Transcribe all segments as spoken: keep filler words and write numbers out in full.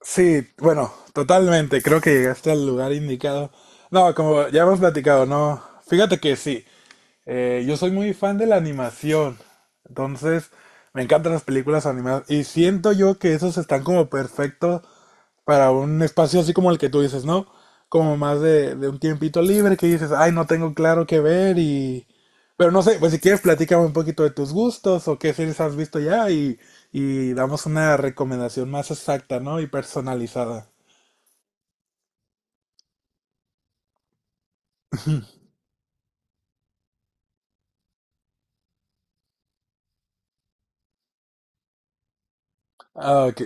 Sí, bueno, totalmente, creo que llegaste al lugar indicado. No, como ya hemos platicado, no. Fíjate que sí, eh, yo soy muy fan de la animación, entonces me encantan las películas animadas y siento yo que esos están como perfectos para un espacio así como el que tú dices, ¿no? Como más de, de un tiempito libre que dices, ay, no tengo claro qué ver y... Pero no sé, pues si quieres platícame un poquito de tus gustos o qué series has visto ya y, y damos una recomendación más exacta, ¿no? Y personalizada. Ah, ok.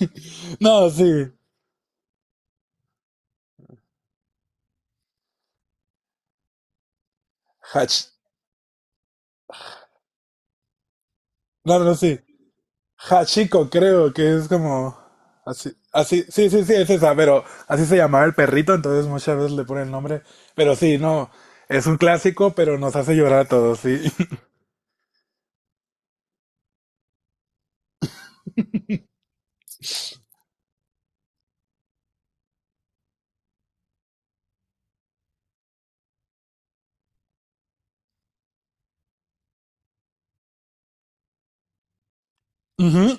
No, sí. Hatch. No, no, sí. Hachiko, creo que es como así, así, sí, sí, sí, es esa, pero así se llamaba el perrito, entonces muchas veces le ponen el nombre, pero sí, no, es un clásico, pero nos hace llorar a todos, sí. Ujú.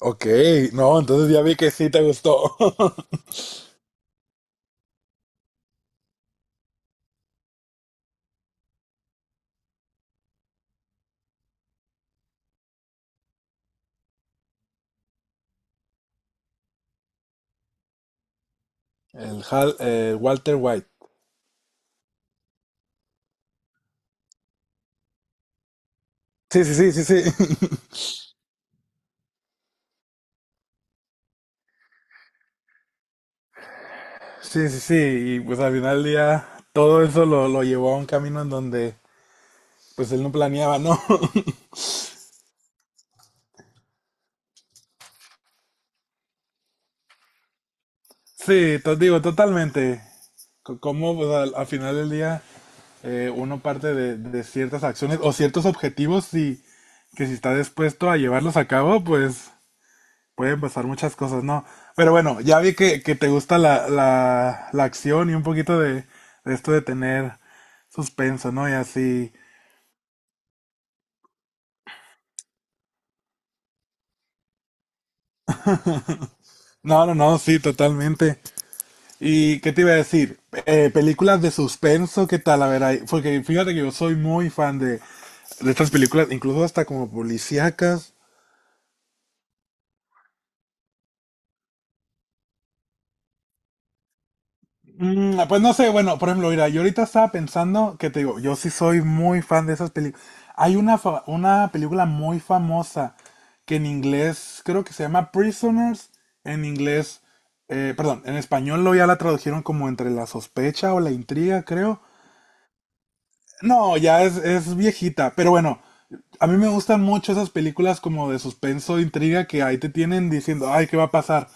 Ok, no, entonces ya vi que sí te gustó. El Hal- eh, Walter White. Sí, sí, sí, sí, sí. Sí, sí, sí. Y pues al final del día todo eso lo, lo llevó a un camino en donde pues él no planeaba, ¿no? Sí, te digo, totalmente. C- Como pues al, al final del día, eh, uno parte de, de ciertas acciones o ciertos objetivos y que si está dispuesto a llevarlos a cabo, pues pueden pasar muchas cosas, ¿no? Pero bueno, ya vi que, que te gusta la, la, la acción y un poquito de, de esto de tener suspenso, ¿no? Y así. No, no, no, sí, totalmente. ¿Y qué te iba a decir? Eh, películas de suspenso, ¿qué tal? A ver, ahí, porque fíjate que yo soy muy fan de, de estas películas, incluso hasta como policíacas. Mm, pues no sé, bueno, por ejemplo, mira, yo ahorita estaba pensando que te digo, yo sí soy muy fan de esas películas. Hay una, fa- una película muy famosa que en inglés creo que se llama Prisoners, en inglés. Eh, perdón, en español lo ya la tradujeron como entre la sospecha o la intriga, creo. No, ya es, es viejita, pero bueno, a mí me gustan mucho esas películas como de suspenso, intriga, que ahí te tienen diciendo, ay, ¿qué va a pasar?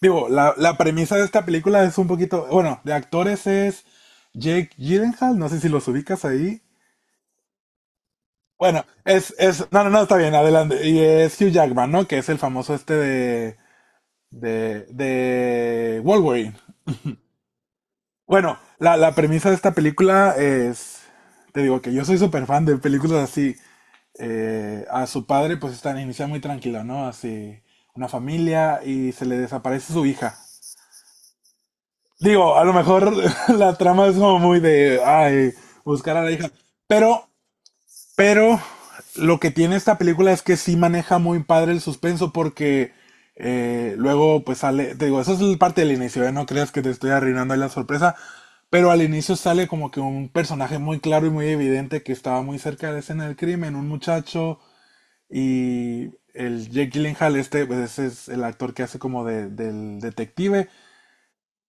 Digo, la, la premisa de esta película es un poquito, bueno, de actores es Jake Gyllenhaal, no sé si los ubicas ahí. Bueno, es, es, no, no, no, está bien, adelante. Y es Hugh Jackman, ¿no? Que es el famoso este de, de, de Wolverine. Bueno, la, la premisa de esta película es, te digo que yo soy súper fan de películas así, eh, a su padre, pues están inicia muy tranquilo, ¿no? Así, una familia y se le desaparece su hija. Digo, a lo mejor la trama es como muy de, ay, buscar a la hija. Pero, pero lo que tiene esta película es que sí maneja muy padre el suspenso, porque eh, luego pues sale, te digo, eso es el parte del inicio, ¿eh? No creas que te estoy arruinando ahí la sorpresa, pero al inicio sale como que un personaje muy claro y muy evidente que estaba muy cerca de la escena del crimen, un muchacho, y el Jake Gyllenhaal, este, pues ese es el actor que hace como de, del detective.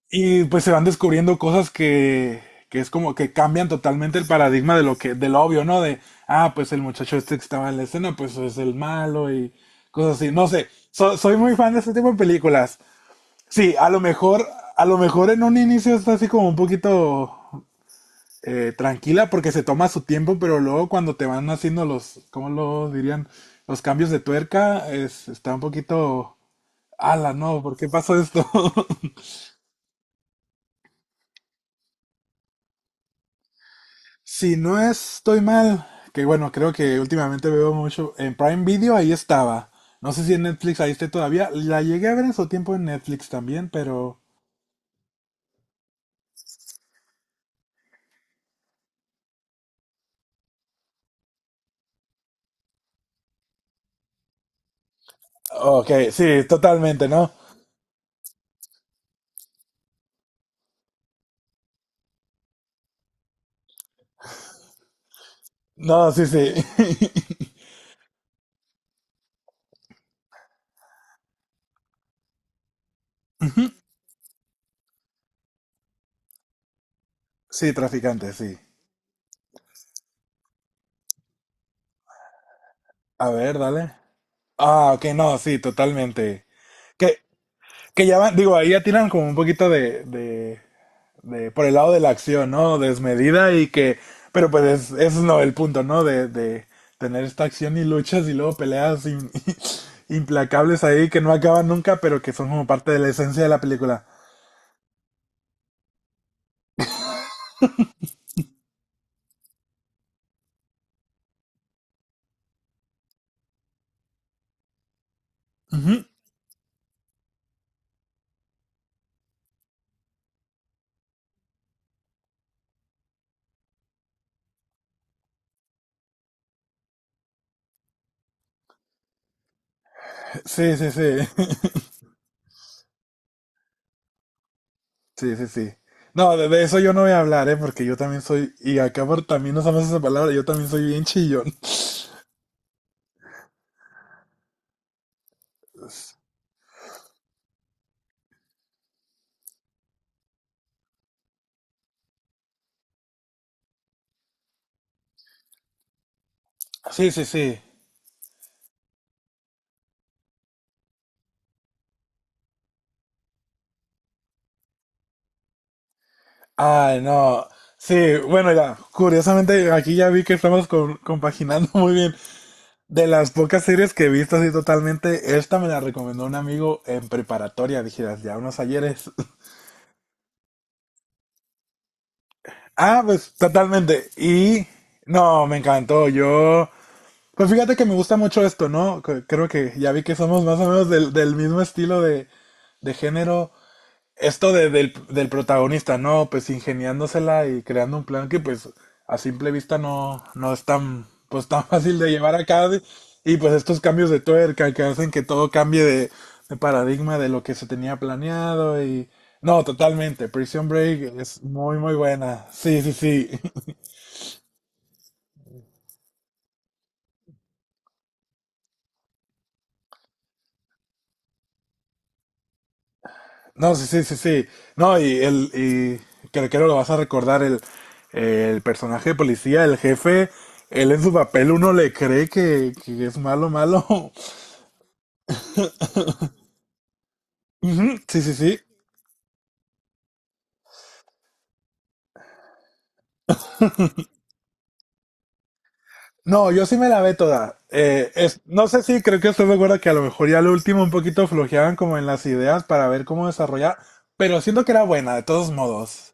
Y pues se van descubriendo cosas que, que es como que cambian totalmente el paradigma de lo que, del obvio, ¿no? De, ah, pues el muchacho este que estaba en la escena, pues es el malo y cosas así. No sé, so- soy muy fan de este tipo de películas. Sí, a lo mejor, a lo mejor en un inicio está así como un poquito eh, tranquila porque se toma su tiempo, pero luego cuando te van haciendo los, ¿cómo lo dirían? Los cambios de tuerca, es, está un poquito... Ala, no, ¿por qué pasó esto? Si no estoy mal, que bueno, creo que últimamente veo mucho en Prime Video, ahí estaba. No sé si en Netflix ahí esté todavía. La llegué a ver en su tiempo en Netflix también, pero... Ok, sí, totalmente, ¿no? No, sí, sí. Ujú. Sí, traficante, sí. A ver, dale. Ah, ok, no, sí, totalmente. Que Que ya van, digo, ahí ya tiran como un poquito de, de, de- por el lado de la acción, ¿no? Desmedida y que, pero pues es, es no el punto, ¿no? De, de tener esta acción y luchas y luego peleas in- implacables ahí que no acaban nunca, pero que son como parte de la esencia de la película. Ujú. Sí, sí, sí. Sí, sí, sí. No, de, de eso yo no voy a hablar, ¿eh? Porque yo también soy, y acá por, también usamos esa palabra, yo también soy bien chillón. Sí, sí, sí. Ay, no. Sí, bueno, ya, curiosamente aquí ya vi que estamos con- compaginando muy bien. De las pocas series que he visto así totalmente, esta me la recomendó un amigo en preparatoria, dijeras, ya unos ayeres. Ah, pues totalmente. Y no, me encantó. Yo, pues fíjate que me gusta mucho esto, ¿no? C- Creo que ya vi que somos más o menos del, del mismo estilo de, de género. Esto de- del, del protagonista, ¿no? Pues ingeniándosela y creando un plan que pues a simple vista no, no es tan, pues, tan fácil de llevar a cabo. Y pues estos cambios de tuerca que hacen que todo cambie de, de paradigma de lo que se tenía planeado y... No, totalmente. Prison Break es muy, muy buena. Sí, sí, sí. No, sí, sí, sí, sí. No, y el, y creo que creo lo vas a recordar, el, el personaje de policía, el jefe, él en su papel uno le cree que, que es malo, malo. Ujú. Sí, sí, sí. No, yo sí me la ve toda. Eh, es, no sé si creo que estoy de acuerdo que a lo mejor ya lo último un poquito flojeaban como en las ideas para ver cómo desarrollar, pero siento que era buena, de todos modos.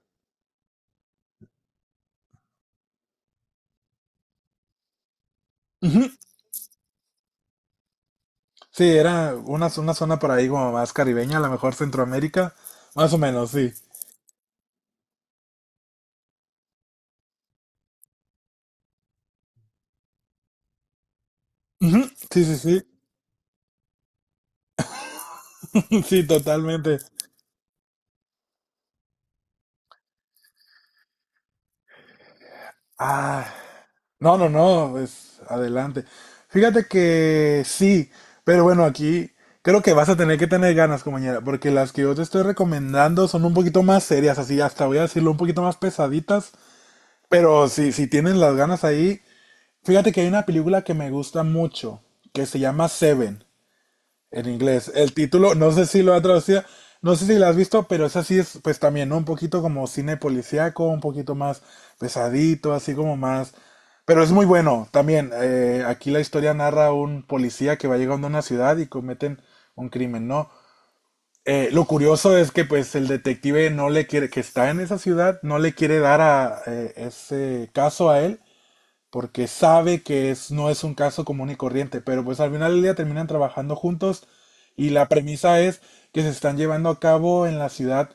Ujú. Sí, era una, una zona por ahí como más caribeña, a lo mejor Centroamérica, más o menos, sí. Ujú. Sí, sí, sí. Sí, totalmente. Ah, no, no, no, pues adelante. Fíjate que sí, pero bueno, aquí creo que vas a tener que tener ganas, compañera, porque las que yo te estoy recomendando son un poquito más serias, así hasta voy a decirlo, un poquito más pesaditas, pero si, si tienes las ganas ahí, fíjate que hay una película que me gusta mucho, que se llama Seven. En inglés. El título, no sé si lo ha traducido, no sé si lo has visto, pero esa sí es, pues también, ¿no? Un poquito como cine policíaco, un poquito más pesadito, así como más. Pero es muy bueno también. Eh, aquí la historia narra un policía que va llegando a una ciudad y cometen un crimen, ¿no? Eh, lo curioso es que, pues, el detective no le quiere, que está en esa ciudad, no le quiere dar a eh, ese caso a él porque sabe que es, no es un caso común y corriente, pero pues al final del día terminan trabajando juntos, y la premisa es que se están llevando a cabo en la ciudad,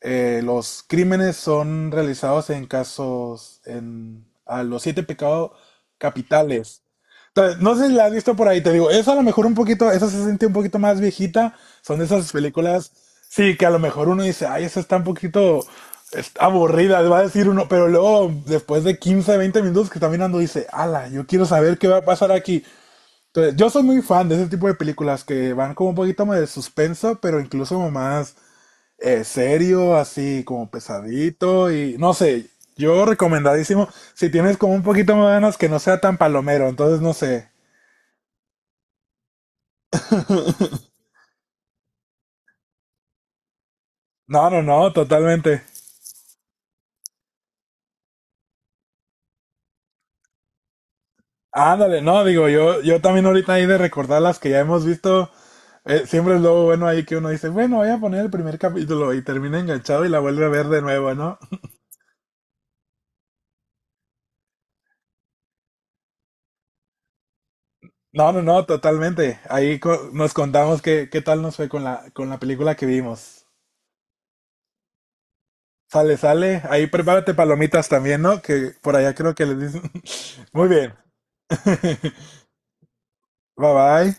eh, los crímenes son realizados en casos, en, a los siete pecados capitales. Ta- No sé si la has visto por ahí, te digo, eso a lo mejor un poquito, eso se siente un poquito más viejita, son de esas películas, sí, que a lo mejor uno dice, ay, esa está un poquito es- aburrida, va a decir uno, pero luego después de quince, veinte minutos que está mirando dice, ala, yo quiero saber qué va a pasar aquí. Entonces, yo soy muy fan de ese tipo de películas que van como un poquito más de suspenso, pero incluso más eh, serio, así como pesadito y no sé, yo recomendadísimo, si tienes como un poquito más de ganas que no sea tan palomero, entonces no sé. No, no, no, totalmente. Ándale, no, digo, yo, yo también ahorita ahí de recordar las que ya hemos visto, eh, siempre es lo bueno ahí que uno dice, bueno, voy a poner el primer capítulo y termina enganchado y la vuelve a ver de nuevo, ¿no? No, no, no, totalmente. Ahí co- nos contamos qué, qué tal nos fue con la, con la película que vimos. Sale, sale. Ahí prepárate palomitas también, ¿no? Que por allá creo que les dicen. Muy bien. Bye bye.